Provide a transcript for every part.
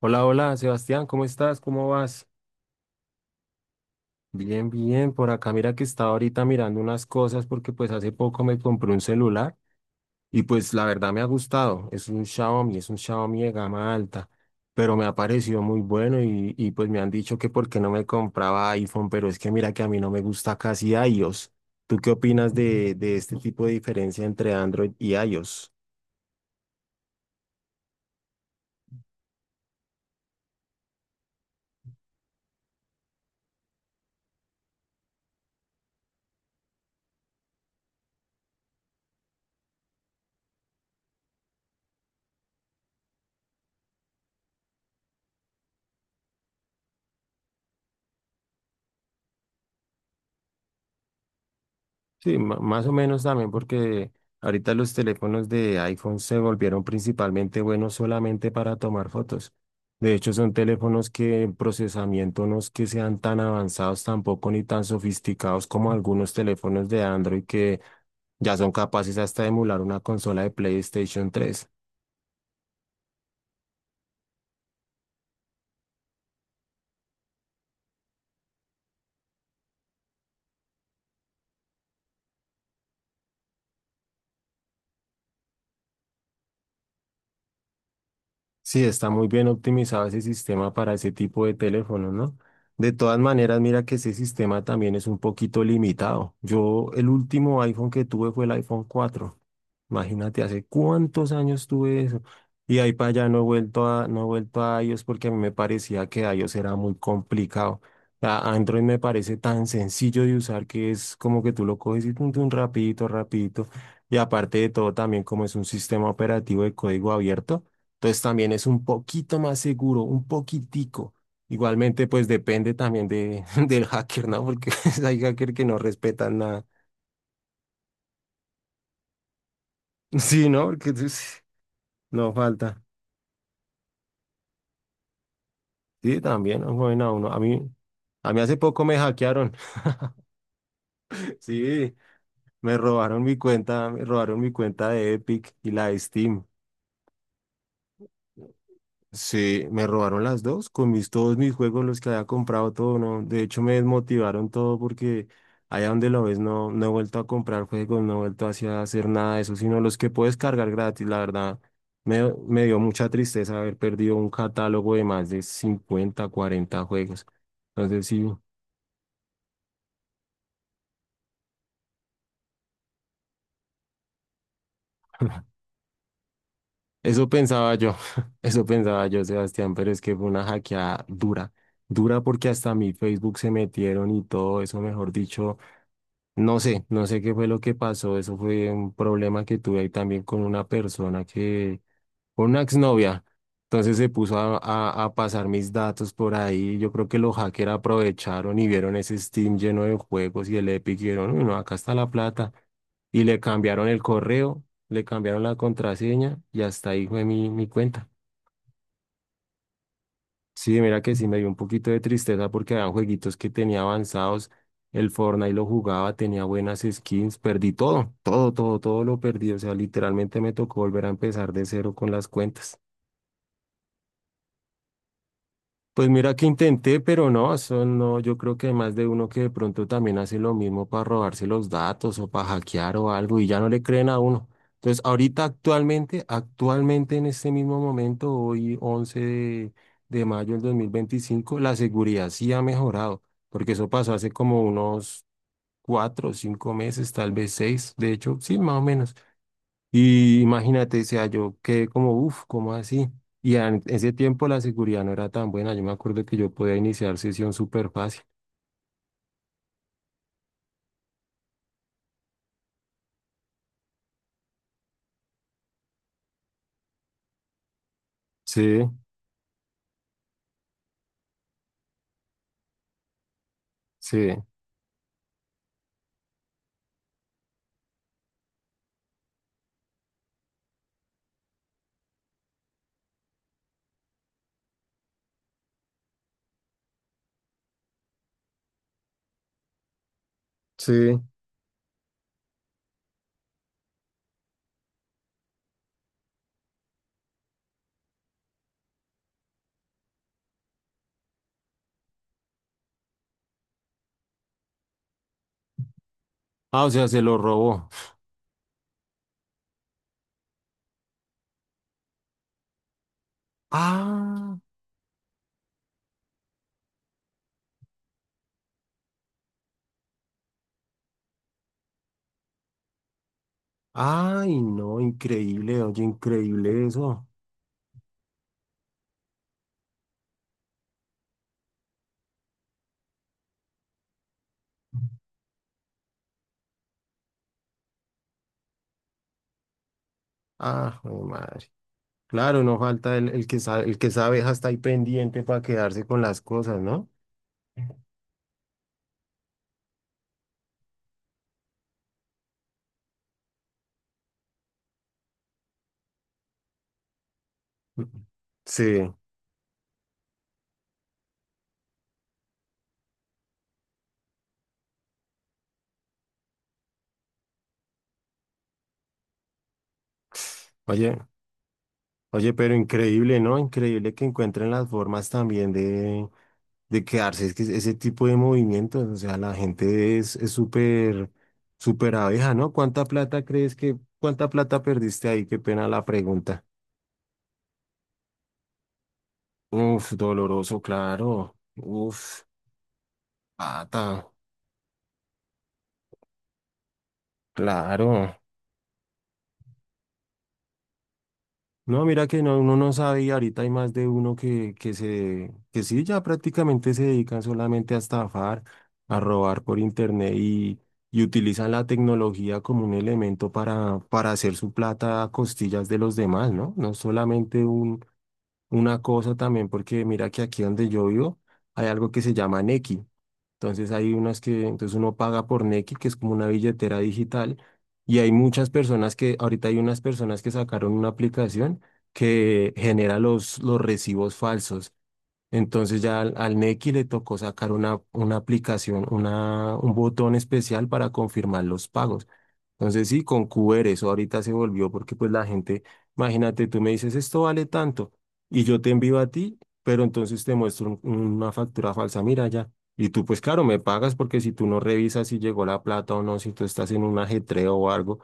Hola, hola, Sebastián, ¿cómo estás? ¿Cómo vas? Bien, bien, por acá mira que estaba ahorita mirando unas cosas porque pues hace poco me compré un celular y pues la verdad me ha gustado, es un Xiaomi de gama alta, pero me ha parecido muy bueno y pues me han dicho que por qué no me compraba iPhone, pero es que mira que a mí no me gusta casi iOS. ¿Tú qué opinas de este tipo de diferencia entre Android y iOS? Sí, más o menos también porque ahorita los teléfonos de iPhone se volvieron principalmente buenos solamente para tomar fotos. De hecho, son teléfonos que en procesamiento no es que sean tan avanzados tampoco ni tan sofisticados como algunos teléfonos de Android que ya son capaces hasta de emular una consola de PlayStation 3. Sí, está muy bien optimizado ese sistema para ese tipo de teléfonos, ¿no? De todas maneras, mira que ese sistema también es un poquito limitado. Yo, el último iPhone que tuve fue el iPhone 4. Imagínate, hace cuántos años tuve eso. Y de ahí para allá no he vuelto a iOS porque a mí me parecía que iOS era muy complicado. Android me parece tan sencillo de usar que es como que tú lo coges y tun, tun, rapidito, rapidito. Y aparte de todo, también como es un sistema operativo de código abierto, entonces también es un poquito más seguro, un poquitico. Igualmente, pues depende también del hacker, ¿no? Porque hay hackers que no respetan nada. Sí, ¿no? Porque pues, no falta. Sí, también han jugado uno. A mí, hace poco me hackearon. Sí, me robaron mi cuenta de Epic y la de Steam. Sí, me robaron las dos con todos mis juegos, los que había comprado todo, ¿no? De hecho, me desmotivaron todo porque allá donde lo ves no, no he vuelto a comprar juegos, no he vuelto así a hacer nada de eso, sino los que puedes cargar gratis, la verdad. Me, dio mucha tristeza haber perdido un catálogo de más de 50 40 juegos. Entonces, sí. Eso pensaba yo, eso pensaba yo, Sebastián, pero es que fue una hackeada dura, dura porque hasta mi Facebook se metieron y todo eso, mejor dicho, no sé qué fue lo que pasó, eso fue un problema que tuve ahí también con una persona que con una exnovia. Entonces se puso a pasar mis datos por ahí. Yo creo que los hackers aprovecharon y vieron ese Steam lleno de juegos y el Epic y vieron, "Uy, no, acá está la plata". Y le cambiaron el correo, le cambiaron la contraseña y hasta ahí fue mi cuenta. Sí, mira que sí me dio un poquito de tristeza porque eran jueguitos que tenía avanzados. El Fortnite lo jugaba, tenía buenas skins, perdí todo, todo, todo, todo lo perdí. O sea, literalmente me tocó volver a empezar de cero con las cuentas. Pues mira que intenté, pero no, eso no, yo creo que hay más de uno que de pronto también hace lo mismo para robarse los datos o para hackear o algo y ya no le creen a uno. Entonces, ahorita actualmente, actualmente en este mismo momento, hoy 11 de mayo del 2025 la seguridad sí ha mejorado, porque eso pasó hace como unos 4 o 5 meses, tal vez 6, de hecho, sí, más o menos. Y imagínate, o sea, yo quedé como, uff, ¿cómo así? Y en ese tiempo la seguridad no era tan buena. Yo me acuerdo que yo podía iniciar sesión súper fácil. Sí, sí, sí. Ah, o sea, se lo robó. Ah, ay, no, increíble, oye, increíble eso. Ah, jue madre. Claro, no falta el que sabe hasta ahí pendiente para quedarse con las cosas, ¿no? Mm. Sí, oye, oye, pero increíble, ¿no? Increíble que encuentren las formas también de quedarse. Es que ese tipo de movimientos, o sea, la gente es súper, súper abeja, ¿no? ¿Cuánta plata perdiste ahí? Qué pena la pregunta. Uf, doloroso, claro. Uf, pata, claro. No, mira que no, uno no sabe y ahorita hay más de uno que sí, ya prácticamente se dedican solamente a estafar, a robar por internet y utilizan la tecnología como un elemento para hacer su plata a costillas de los demás, ¿no? No solamente una cosa también, porque mira que aquí donde yo vivo hay algo que se llama Nequi. Entonces uno paga por Nequi, que es como una billetera digital, y hay muchas personas que, ahorita hay unas personas que sacaron una aplicación que genera los recibos falsos. Entonces ya al Nequi le tocó sacar una aplicación, un botón especial para confirmar los pagos. Entonces sí, con QR eso ahorita se volvió porque pues la gente, imagínate, tú me dices esto vale tanto y yo te envío a ti, pero entonces te muestro una factura falsa, mira ya. Y tú pues claro, me pagas porque si tú no revisas si llegó la plata o no, si tú estás en un ajetreo o algo,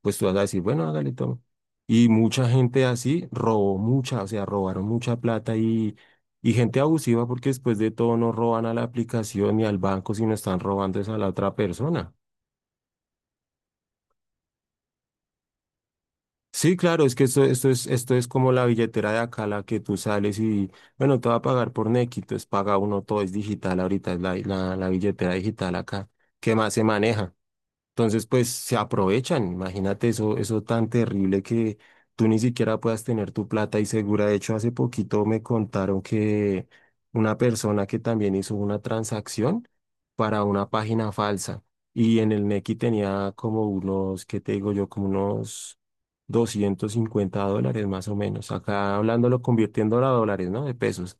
pues tú vas a decir, bueno, hágale, toma. Y mucha gente así robó mucha, o sea, robaron mucha plata y gente abusiva porque después de todo no roban a la aplicación ni al banco, sino están robando es a la otra persona. Sí, claro, es que esto es como la billetera de acá, la que tú sales y, bueno, te va a pagar por Nequi, entonces paga uno, todo es digital ahorita, es la, la billetera digital acá, que más se maneja. Entonces, pues se aprovechan. Imagínate eso, eso tan terrible que tú ni siquiera puedas tener tu plata y segura. De hecho, hace poquito me contaron que una persona que también hizo una transacción para una página falsa y en el Nequi tenía como unos, ¿qué te digo yo? Como unos $250 más o menos. Acá hablándolo, convirtiéndolo a dólares, ¿no? De pesos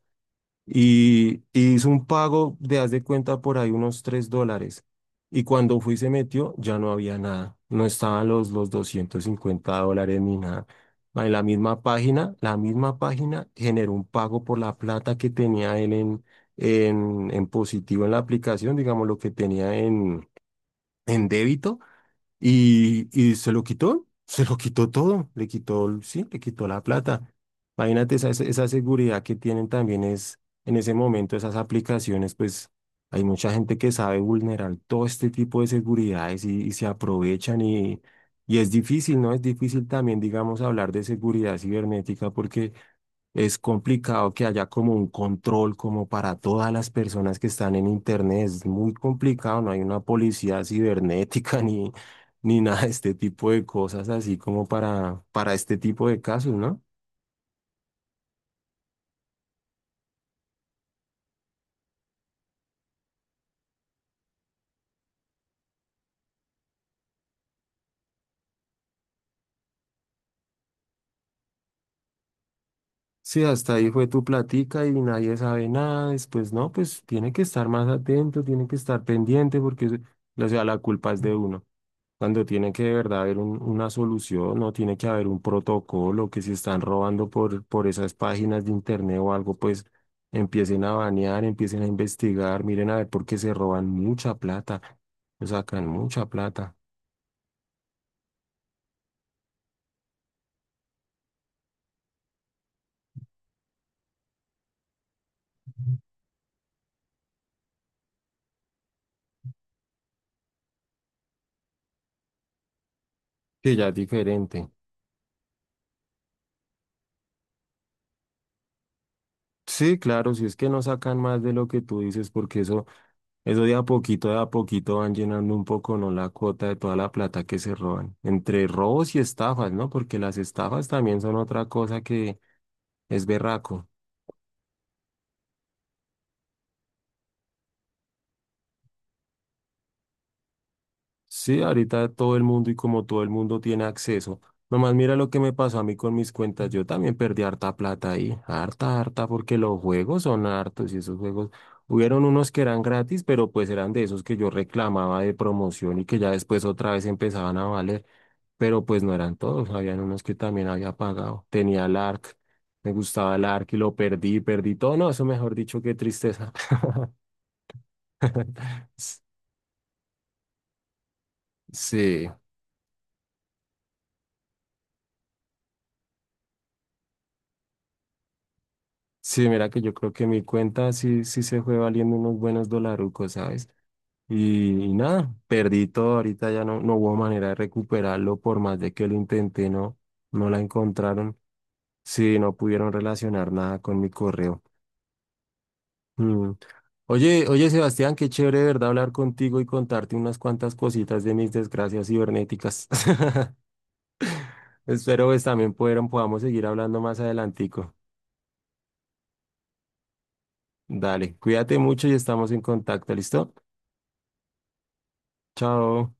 y hizo un pago de, haz de cuenta, por ahí unos $3. Y cuando fui y se metió, ya no había nada. No estaban los $250 ni nada. En la misma página generó un pago por la plata que tenía él en, en positivo en la aplicación, digamos lo que tenía en, débito y se lo quitó todo, le quitó, sí, le quitó la plata. Imagínate esa seguridad que tienen también es, en ese momento, esas aplicaciones, pues hay mucha gente que sabe vulnerar todo este tipo de seguridades y se aprovechan y es difícil, ¿no? Es difícil también, digamos, hablar de seguridad cibernética porque... Es complicado que haya como un control como para todas las personas que están en Internet. Es muy complicado, no hay una policía cibernética ni nada de este tipo de cosas así como para este tipo de casos, ¿no? Sí, hasta ahí fue tu platica y nadie sabe nada, después no, pues tiene que estar más atento, tiene que estar pendiente porque, o sea, la culpa es de uno. Cuando tiene que de verdad haber una solución, no tiene que haber un protocolo que si están robando por esas páginas de internet o algo, pues empiecen a banear, empiecen a investigar, miren a ver por qué se roban mucha plata, o sacan mucha plata, que ya es diferente. Sí, claro, si es que no sacan más de lo que tú dices, porque eso de a poquito van llenando un poco, ¿no? La cuota de toda la plata que se roban, entre robos y estafas, ¿no? Porque las estafas también son otra cosa que es berraco. Sí, ahorita todo el mundo y como todo el mundo tiene acceso. Nomás mira lo que me pasó a mí con mis cuentas. Yo también perdí harta plata ahí. Harta, harta, porque los juegos son hartos y esos juegos. Hubieron unos que eran gratis, pero pues eran de esos que yo reclamaba de promoción y que ya después otra vez empezaban a valer. Pero pues no eran todos. Habían unos que también había pagado. Tenía el ARC. Me gustaba el ARC y lo perdí, perdí todo. No, eso mejor dicho, qué tristeza. Sí. Sí, mira que yo creo que mi cuenta sí, sí se fue valiendo unos buenos dolarucos, ¿sabes? Y nada, perdí todo, ahorita ya no hubo manera de recuperarlo, por más de que lo intenté, no la encontraron, sí, no pudieron relacionar nada con mi correo. Mm. Oye, oye Sebastián, qué chévere, ¿verdad? Hablar contigo y contarte unas cuantas cositas de mis desgracias cibernéticas. Espero pues también pudieron, podamos seguir hablando más adelantico. Dale, cuídate mucho y estamos en contacto, ¿listo? Chao.